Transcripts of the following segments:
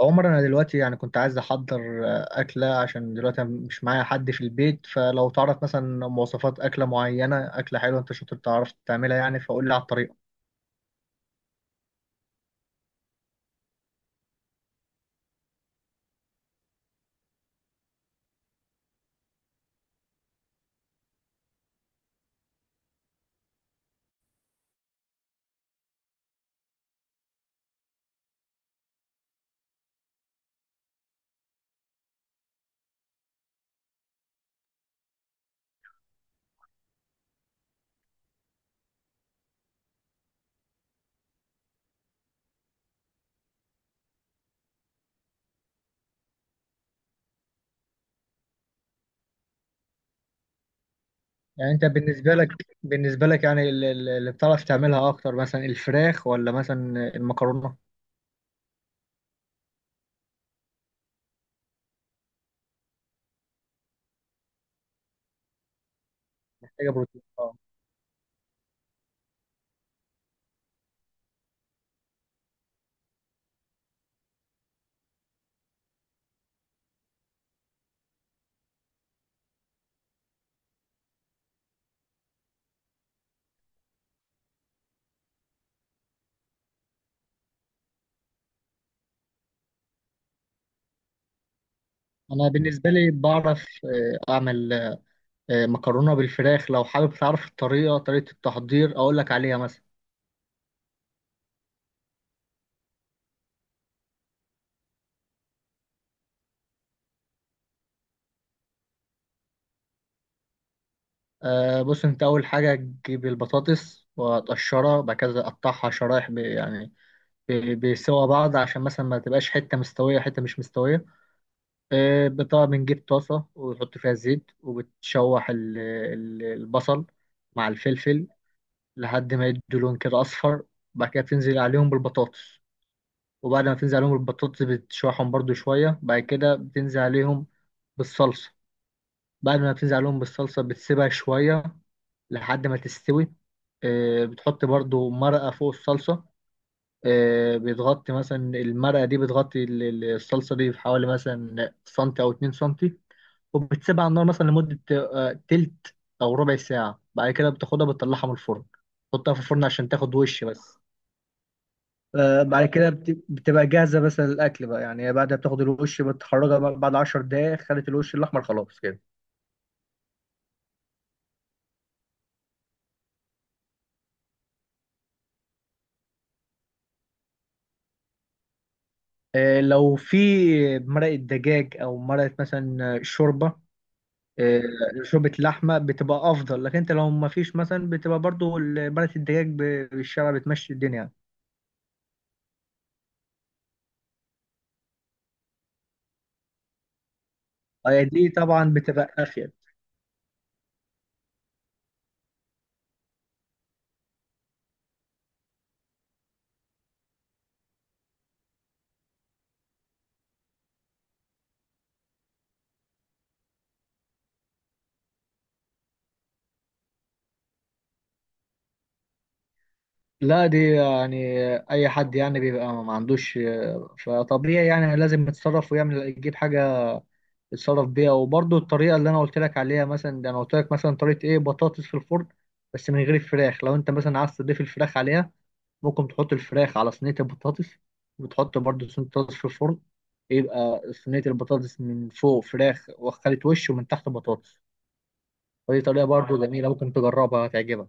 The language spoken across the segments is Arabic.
عمر، انا دلوقتي يعني كنت عايز احضر اكله. عشان دلوقتي أنا مش معايا حد في البيت، فلو تعرف مثلا مواصفات اكله معينه اكله حلوه انت شاطر تعرف تعملها يعني فقول لي على الطريقه. يعني انت بالنسبه لك يعني اللي بتعرف تعملها اكتر مثلا الفراخ ولا مثلا المكرونه؟ محتاجه بروتين اه. انا بالنسبه لي بعرف، اعمل مكرونه بالفراخ. لو حابب تعرف الطريقه، طريقه التحضير اقول لك عليها مثلا. بص، انت اول حاجه تجيب البطاطس وتقشرها، بعد كده تقطعها شرايح بسوا بعض عشان مثلا ما تبقاش حته مستويه حته مش مستويه. طبعا بنجيب طاسه وتحط فيها زيت وبتشوح البصل مع الفلفل لحد ما يدوا لون كده اصفر. بعد كده بتنزل عليهم بالبطاطس، وبعد ما تنزل عليهم بالبطاطس بتشوحهم برضو شويه، بعد كده بتنزل عليهم بالصلصه. بعد ما بتنزل عليهم بالصلصه بتسيبها شويه لحد ما تستوي. بتحط برضو مرقة فوق الصلصة. بتغطي مثلا المرقة دي، بتغطي الصلصة دي بحوالي مثلا سنتي أو 2 سنتي، وبتسيبها على النار مثلا لمدة تلت أو ربع ساعة. بعد كده بتاخدها بتطلعها من الفرن، تحطها في الفرن عشان تاخد وش بس. بعد كده بتبقى جاهزة مثلا للأكل بقى، يعني بعد ما بتاخد الوش بتخرجها بقى بعد 10 دقايق، خدت الوش الأحمر خلاص كده. لو في مرقة دجاج أو مرقة مثلا شوربة، آه، شوربة اللحمة بتبقى أفضل. لكن أنت لو ما فيش مثلا بتبقى برضو بلد الدجاج بالشارع بتمشي الدنيا. دي طبعا بتبقى أفيد. لا دي يعني اي حد يعني بيبقى ما عندوش، فطبيعي يعني لازم يتصرف ويعمل يجيب حاجه يتصرف بيها. وبرضه الطريقه اللي انا قلت لك عليها مثلا، ده انا قلت لك مثلا طريقه ايه؟ بطاطس في الفرن بس من غير الفراخ. لو انت مثلا عايز تضيف الفراخ عليها ممكن تحط الفراخ على صينية البطاطس، وتحط برضو صينية البطاطس في الفرن، يبقى صينية البطاطس من فوق فراخ وخلت وش، ومن تحت بطاطس. ودي طريقة برضو جميلة ممكن تجربها، هتعجبك.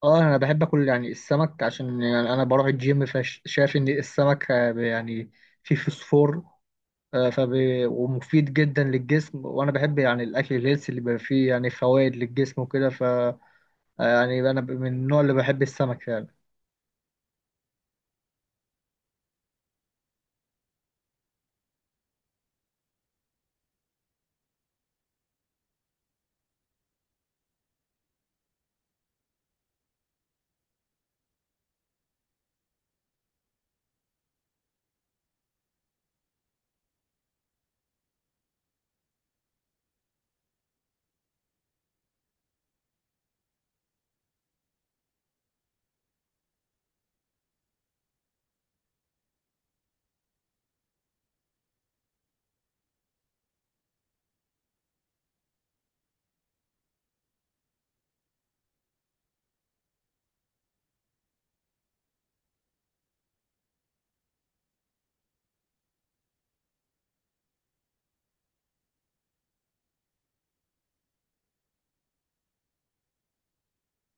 اه انا بحب اكل يعني السمك، عشان يعني انا بروح الجيم فشايف ان السمك يعني فيه فوسفور. آه، فب... ومفيد جدا للجسم. وانا بحب يعني الاكل الهيلثي اللي بيبقى فيه يعني فوائد للجسم وكده، ف آه، يعني انا من النوع اللي بحب السمك يعني.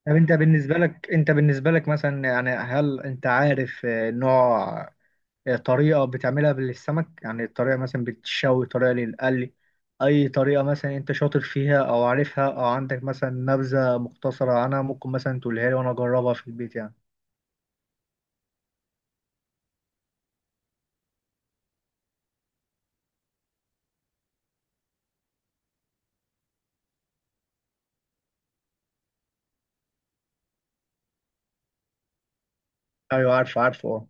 طب انت بالنسبة لك مثلا، يعني هل انت عارف نوع، طريقة بتعملها للسمك؟ يعني طريقة مثلا بتشوي، طريقة للقلي، اي طريقة مثلا انت شاطر فيها او عارفها او عندك مثلا نبذة مختصرة عنها ممكن مثلا تقولها لي وانا اجربها في البيت يعني. ايوه، عارفه عارفه اه.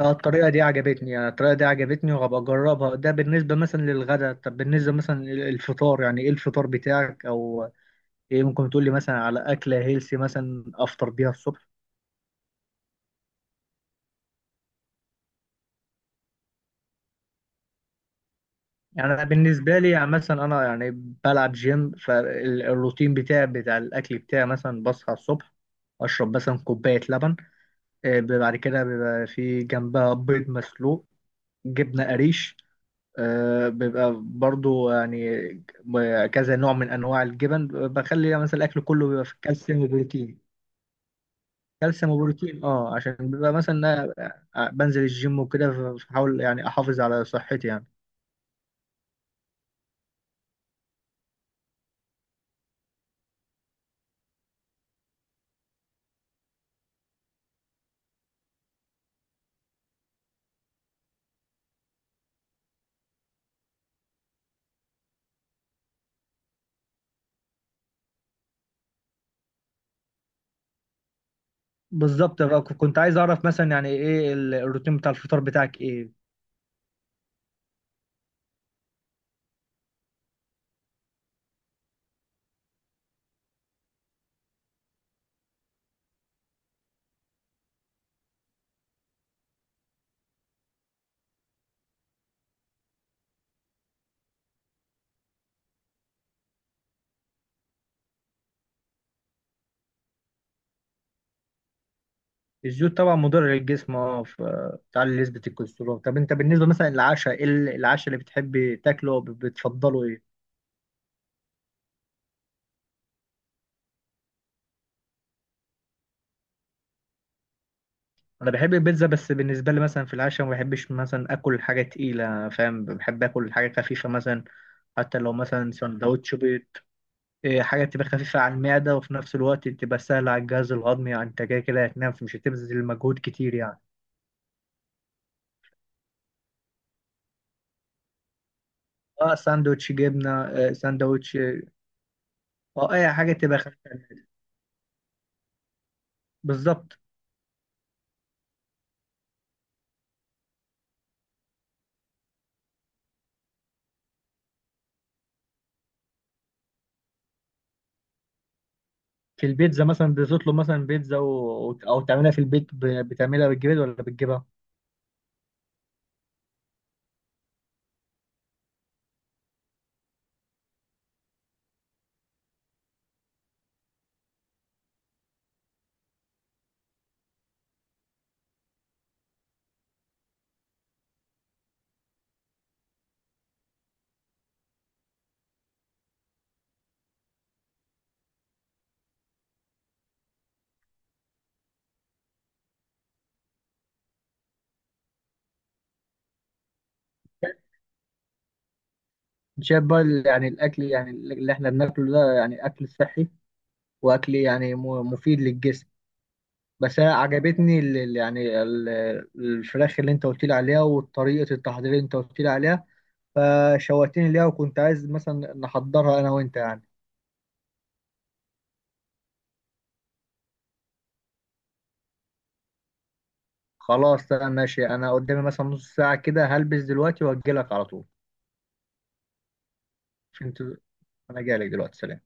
اه الطريقة دي عجبتني، يعني الطريقة دي عجبتني وهبقى اجربها. ده بالنسبة مثلا للغدا. طب بالنسبة مثلا للفطار يعني ايه الفطار بتاعك؟ او ايه ممكن تقول لي مثلا على اكلة هيلسي مثلا افطر بيها الصبح؟ يعني أنا بالنسبة لي يعني مثلا أنا يعني بلعب جيم، فالروتين بتاعي بتاع الأكل بتاعي مثلا بصحى الصبح أشرب مثلا كوباية لبن. بيبقى بعد كده بيبقى في جنبها بيض مسلوق، جبنة قريش. بيبقى برضو يعني كذا نوع من أنواع الجبن، بخلي مثلا الأكل كله بيبقى فيه كالسيوم وبروتين. كالسيوم وبروتين اه، عشان بيبقى مثلا بنزل الجيم وكده، فبحاول يعني أحافظ على صحتي يعني. بالظبط بقى، كنت عايز اعرف مثلا يعني ايه الروتين بتاع الفطار بتاعك ايه؟ الزيوت طبعا مضر للجسم اه، بتعلي نسبة الكوليسترول. طب انت بالنسبة مثلا للعشاء، ايه العشاء اللي بتحب تاكله أو بتفضله ايه؟ انا بحب البيتزا، بس بالنسبة لي مثلا في العشاء ما بحبش مثلا اكل حاجة تقيلة، فاهم؟ بحب اكل حاجة خفيفة مثلا، حتى لو مثلا سندوتش بيض. حاجة تبقى خفيفة على المعدة وفي نفس الوقت تبقى سهلة على الجهاز الهضمي، يعني انت كده كده هتنام مش هتبذل مجهود كتير يعني. اه ساندوتش جبنة، ساندوتش. اه اي حاجه تبقى بالظبط. في البيتزا مثلا بتطلب مثلا بيتزا او تعملها في البيت، بتعملها بالجبن ولا بتجيبها؟ شايف بقى يعني الاكل يعني اللي احنا بناكله ده يعني اكل صحي، واكل يعني مفيد للجسم. بس انا عجبتني الفراخ اللي انت قلت لي عليها وطريقه التحضير اللي انت قلت لي عليها، فشوقتني ليها وكنت عايز مثلا نحضرها انا وانت يعني. خلاص انا ماشي، انا قدامي مثلا نص ساعه كده، هلبس دلوقتي واجي لك على طول. عشان انت- انا جاي لك دلوقتي، سلام.